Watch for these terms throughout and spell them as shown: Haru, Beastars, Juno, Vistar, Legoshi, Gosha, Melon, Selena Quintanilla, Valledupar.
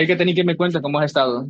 Es que tenéis que me cuenta cómo has estado.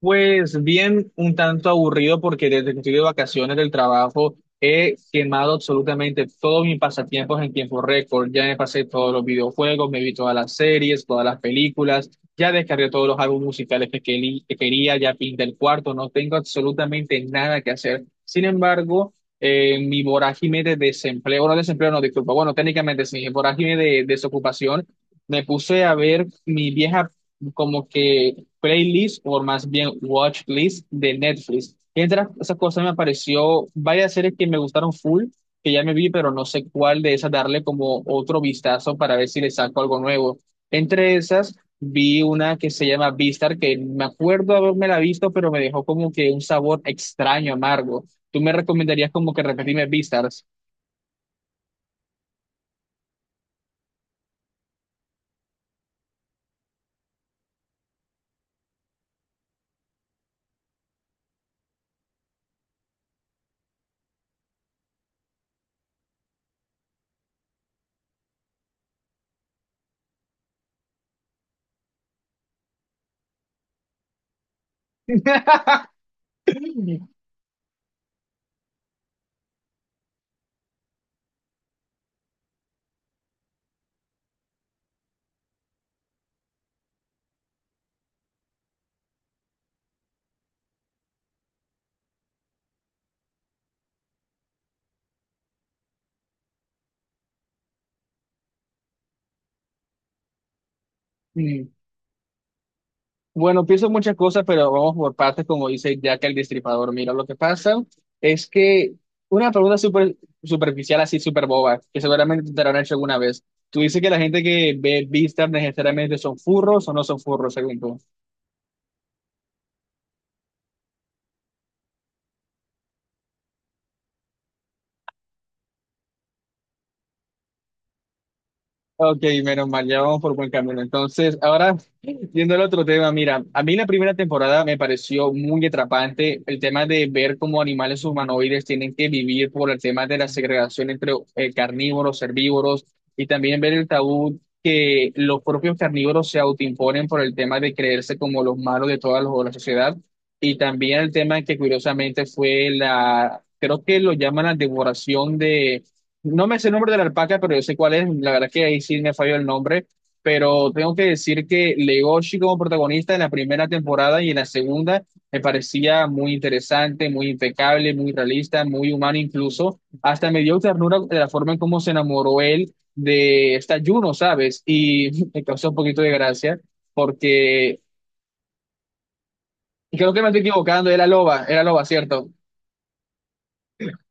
Pues bien, un tanto aburrido porque desde que estoy de vacaciones del trabajo he quemado absolutamente todos mis pasatiempos en tiempo récord. Ya me pasé todos los videojuegos, me vi todas las series, todas las películas, ya descargué todos los álbumes musicales que quería, ya pinté el cuarto, no tengo absolutamente nada que hacer. Sin embargo, mi vorágine de desempleo, no, disculpa, bueno, técnicamente sí, mi vorágine de desocupación, me puse a ver mi vieja como que playlist o más bien watch list de Netflix. Y entre esas cosas me apareció varias series que me gustaron full, que ya me vi, pero no sé cuál de esas darle como otro vistazo para ver si le saco algo nuevo. Entre esas vi una que se llama Vistar, que me acuerdo haberme la visto, pero me dejó como que un sabor extraño, amargo. ¿Tú me recomendarías como que repetirme Vistars? Bueno, pienso muchas cosas, pero vamos por partes, como dice Jack el Destripador. Mira, lo que pasa es que una pregunta súper superficial, así súper boba, que seguramente te la han hecho alguna vez. Tú dices que la gente que ve vistas necesariamente son furros o no son furros, según tú. Ok, menos mal, ya vamos por buen camino. Entonces, ahora, yendo al otro tema, mira, a mí la primera temporada me pareció muy atrapante el tema de ver cómo animales humanoides tienen que vivir por el tema de la segregación entre carnívoros, herbívoros, y también ver el tabú que los propios carnívoros se autoimponen por el tema de creerse como los malos de toda la sociedad, y también el tema que curiosamente fue la, creo que lo llaman la devoración. No me sé el nombre de la alpaca, pero yo sé cuál es. La verdad que ahí sí me falló el nombre. Pero tengo que decir que Legoshi como protagonista en la primera temporada y en la segunda me parecía muy interesante, muy impecable, muy realista, muy humano incluso. Hasta me dio ternura de la forma en cómo se enamoró él de esta Juno, ¿sabes? Y me causó un poquito de gracia porque creo que me estoy equivocando, era loba, ¿cierto?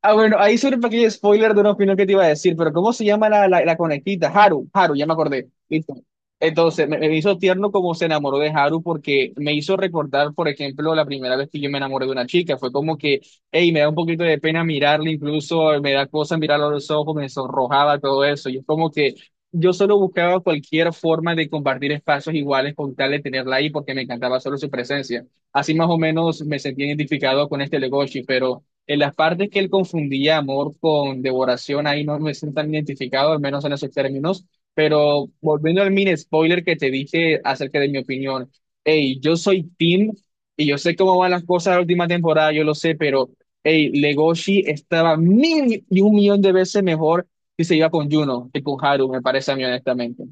Ah, bueno, ahí sobre un pequeño spoiler de una opinión que te iba a decir, pero ¿cómo se llama la conejita? Haru, Haru, ya me acordé. Listo. Entonces, me hizo tierno como se enamoró de Haru porque me hizo recordar, por ejemplo, la primera vez que yo me enamoré de una chica. Fue como que, hey, me da un poquito de pena mirarla, incluso me da cosa mirarla a los ojos, me sonrojaba, todo eso. Y es como que yo solo buscaba cualquier forma de compartir espacios iguales con tal de tenerla ahí porque me encantaba solo su presencia. Así más o menos me sentí identificado con este Legoshi, pero. En las partes que él confundía amor con devoración, ahí no me siento tan identificado, al menos en esos términos. Pero volviendo al mini spoiler que te dije acerca de mi opinión, hey, yo soy Tim y yo sé cómo van las cosas de la última temporada, yo lo sé, pero hey, Legoshi estaba mil y un millón de veces mejor si se iba con Juno que con Haru, me parece a mí, honestamente.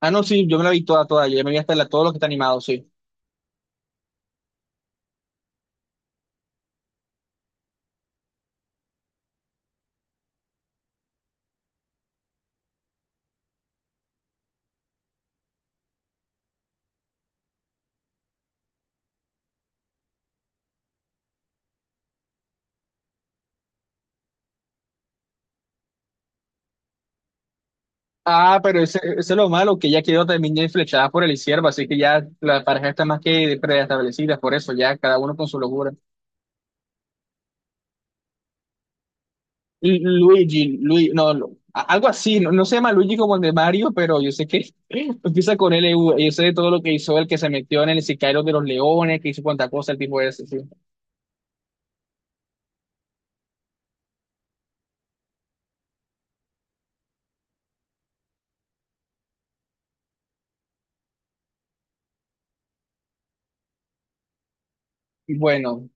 Ah, no, sí, yo me la vi toda, toda, yo me vi hasta la, todo lo que está animado, sí. Ah, pero ese es lo malo, que ya quedó también flechada por el izquierdo, así que ya la pareja está más que preestablecida, por eso ya cada uno con su locura. Luigi, Luigi, no, no, algo así, no, no se llama Luigi como el de Mario, pero yo sé que empieza con L LU, yo sé de todo lo que hizo el que se metió en el sicario de los leones, que hizo cuanta cosa el tipo ese, sí. Y bueno,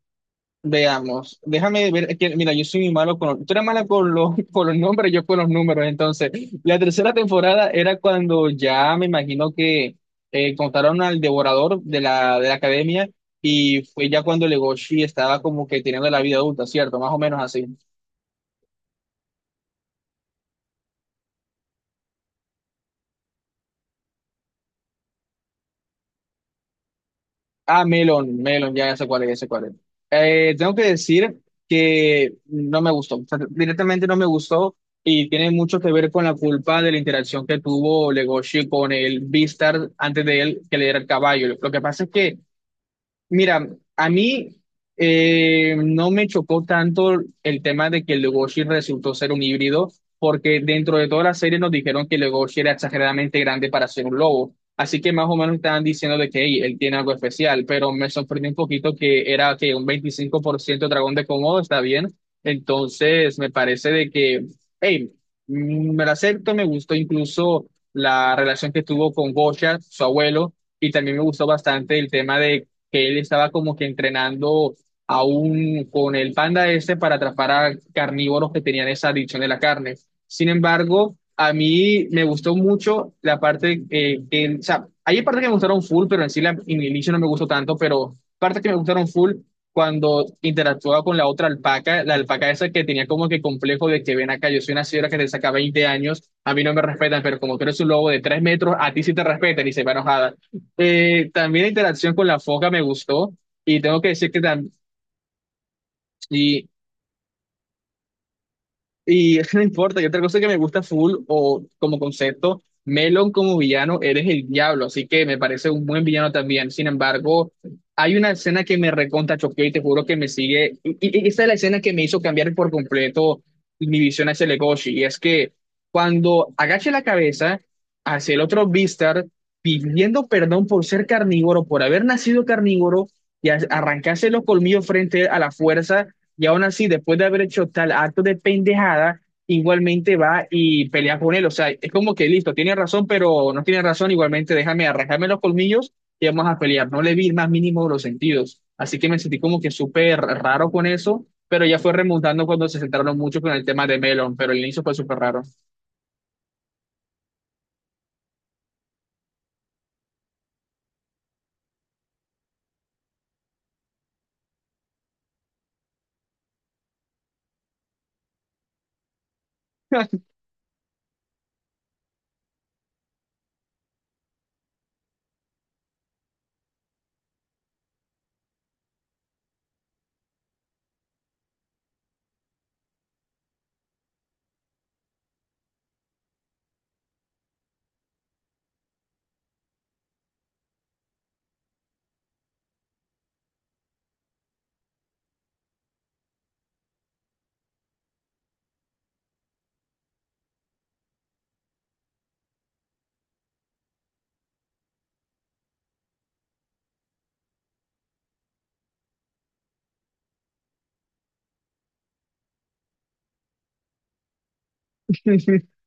veamos, déjame ver, que, mira, yo soy muy malo con, tú eres mala con los, con los nombres, yo con los números, entonces, la tercera temporada era cuando ya me imagino que contaron al devorador de de la academia y fue ya cuando Legoshi estaba como que teniendo la vida adulta, ¿cierto? Más o menos así. Ah, Melon, Melon, ya, sé cuál es, ya sé cuál es. Tengo que decir que no me gustó, o sea, directamente no me gustó y tiene mucho que ver con la culpa de la interacción que tuvo Legoshi con el Beastars antes de él que le diera el caballo. Lo que pasa es que mira, a mí no me chocó tanto el tema de que Legoshi resultó ser un híbrido, porque dentro de toda la serie nos dijeron que Legoshi era exageradamente grande para ser un lobo. Así que más o menos estaban diciendo de que "Ey, él tiene algo especial", pero me sorprendió un poquito que era que un 25% dragón de Komodo, está bien. Entonces me parece de que, hey, mm, me lo acepto, me gustó incluso la relación que tuvo con Gosha, su abuelo. Y también me gustó bastante el tema de que él estaba como que entrenando aún con el panda ese para atrapar a carnívoros que tenían esa adicción de la carne. Sin embargo, a mí me gustó mucho la parte, o sea, hay partes que me gustaron full, pero en sí la, en el inicio no me gustó tanto, pero partes que me gustaron full cuando interactuaba con la otra alpaca, la alpaca esa que tenía como que complejo de que ven acá, yo soy una señora que te saca 20 años, a mí no me respetan, pero como tú eres un lobo de 3 metros, a ti sí te respetan y se va enojada. También la interacción con la foca me gustó y tengo que decir que también, y no importa, y otra cosa que me gusta full o como concepto, Melon como villano, eres el diablo, así que me parece un buen villano también. Sin embargo, hay una escena que me recontra choqueó y te juro que me sigue. Y esa es la escena que me hizo cambiar por completo mi visión hacia Legoshi. Y es que cuando agaché la cabeza hacia el otro Beastar, pidiendo perdón por ser carnívoro, por haber nacido carnívoro, y arrancarse los colmillos frente a la fuerza. Y aún así, después de haber hecho tal acto de pendejada, igualmente va y pelea con él. O sea, es como que listo, tiene razón, pero no tiene razón. Igualmente, déjame arrancarme los colmillos y vamos a pelear. No le vi el más mínimo de los sentidos. Así que me sentí como que súper raro con eso, pero ya fue remontando cuando se centraron mucho con el tema de Melon, pero el inicio fue súper raro.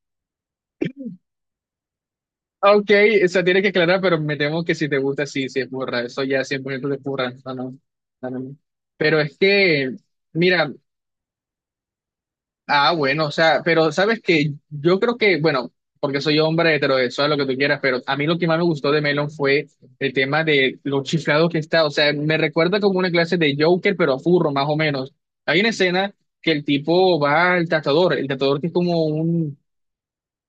Ok, eso tiene que aclarar, pero me temo que si te gusta, sí, sí, es burra. Eso ya 100% de burra. No, no, no, no. Pero es que, mira, ah, bueno, o sea, pero sabes que yo creo que, bueno, porque soy hombre heterosexual, lo que tú quieras, pero a mí lo que más me gustó de Melon fue el tema de lo chiflado que está, o sea, me recuerda como una clase de Joker, pero a furro, más o menos. Hay una escena que el tipo va al tatuador, el tatuador que es como un,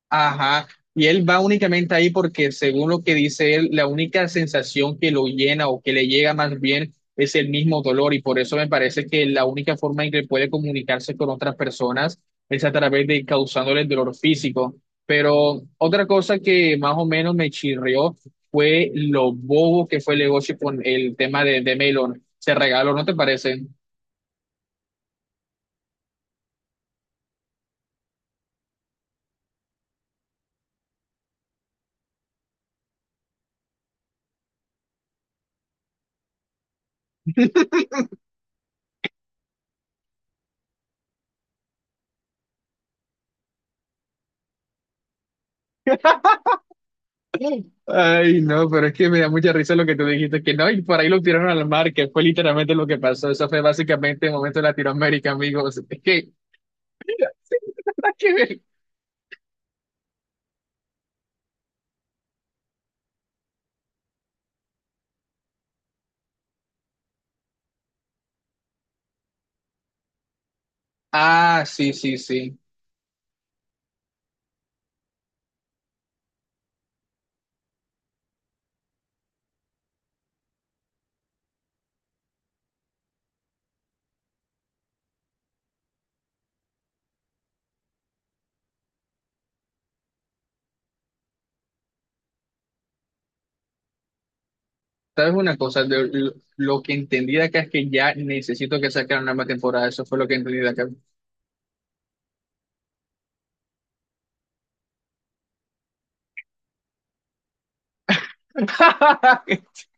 ajá. Y él va únicamente ahí porque, según lo que dice él, la única sensación que lo llena o que le llega más bien es el mismo dolor. Y por eso me parece que la única forma en que puede comunicarse con otras personas es a través de causándole el dolor físico. Pero otra cosa que más o menos me chirrió fue lo bobo que fue el negocio con el tema de Melon. Se regaló, ¿no te parece? Ay, no, pero es que me da mucha risa lo que tú dijiste, que no, y por ahí lo tiraron al mar, que fue literalmente lo que pasó. Eso fue básicamente el momento de Latinoamérica, amigos. Es que, mira, sí, nada que ver. Ah, sí, sí, sí. ¿Sabes una cosa? Lo que entendí de acá es que ya necesito que saquen una más temporada. Eso fue lo que entendí de acá.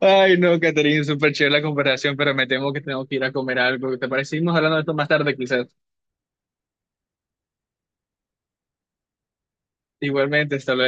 Ay, no, Caterina, súper chévere la comparación, pero me temo que tengo que ir a comer algo. ¿Te parece? Seguimos hablando de esto más tarde, quizás. Igualmente, hasta luego.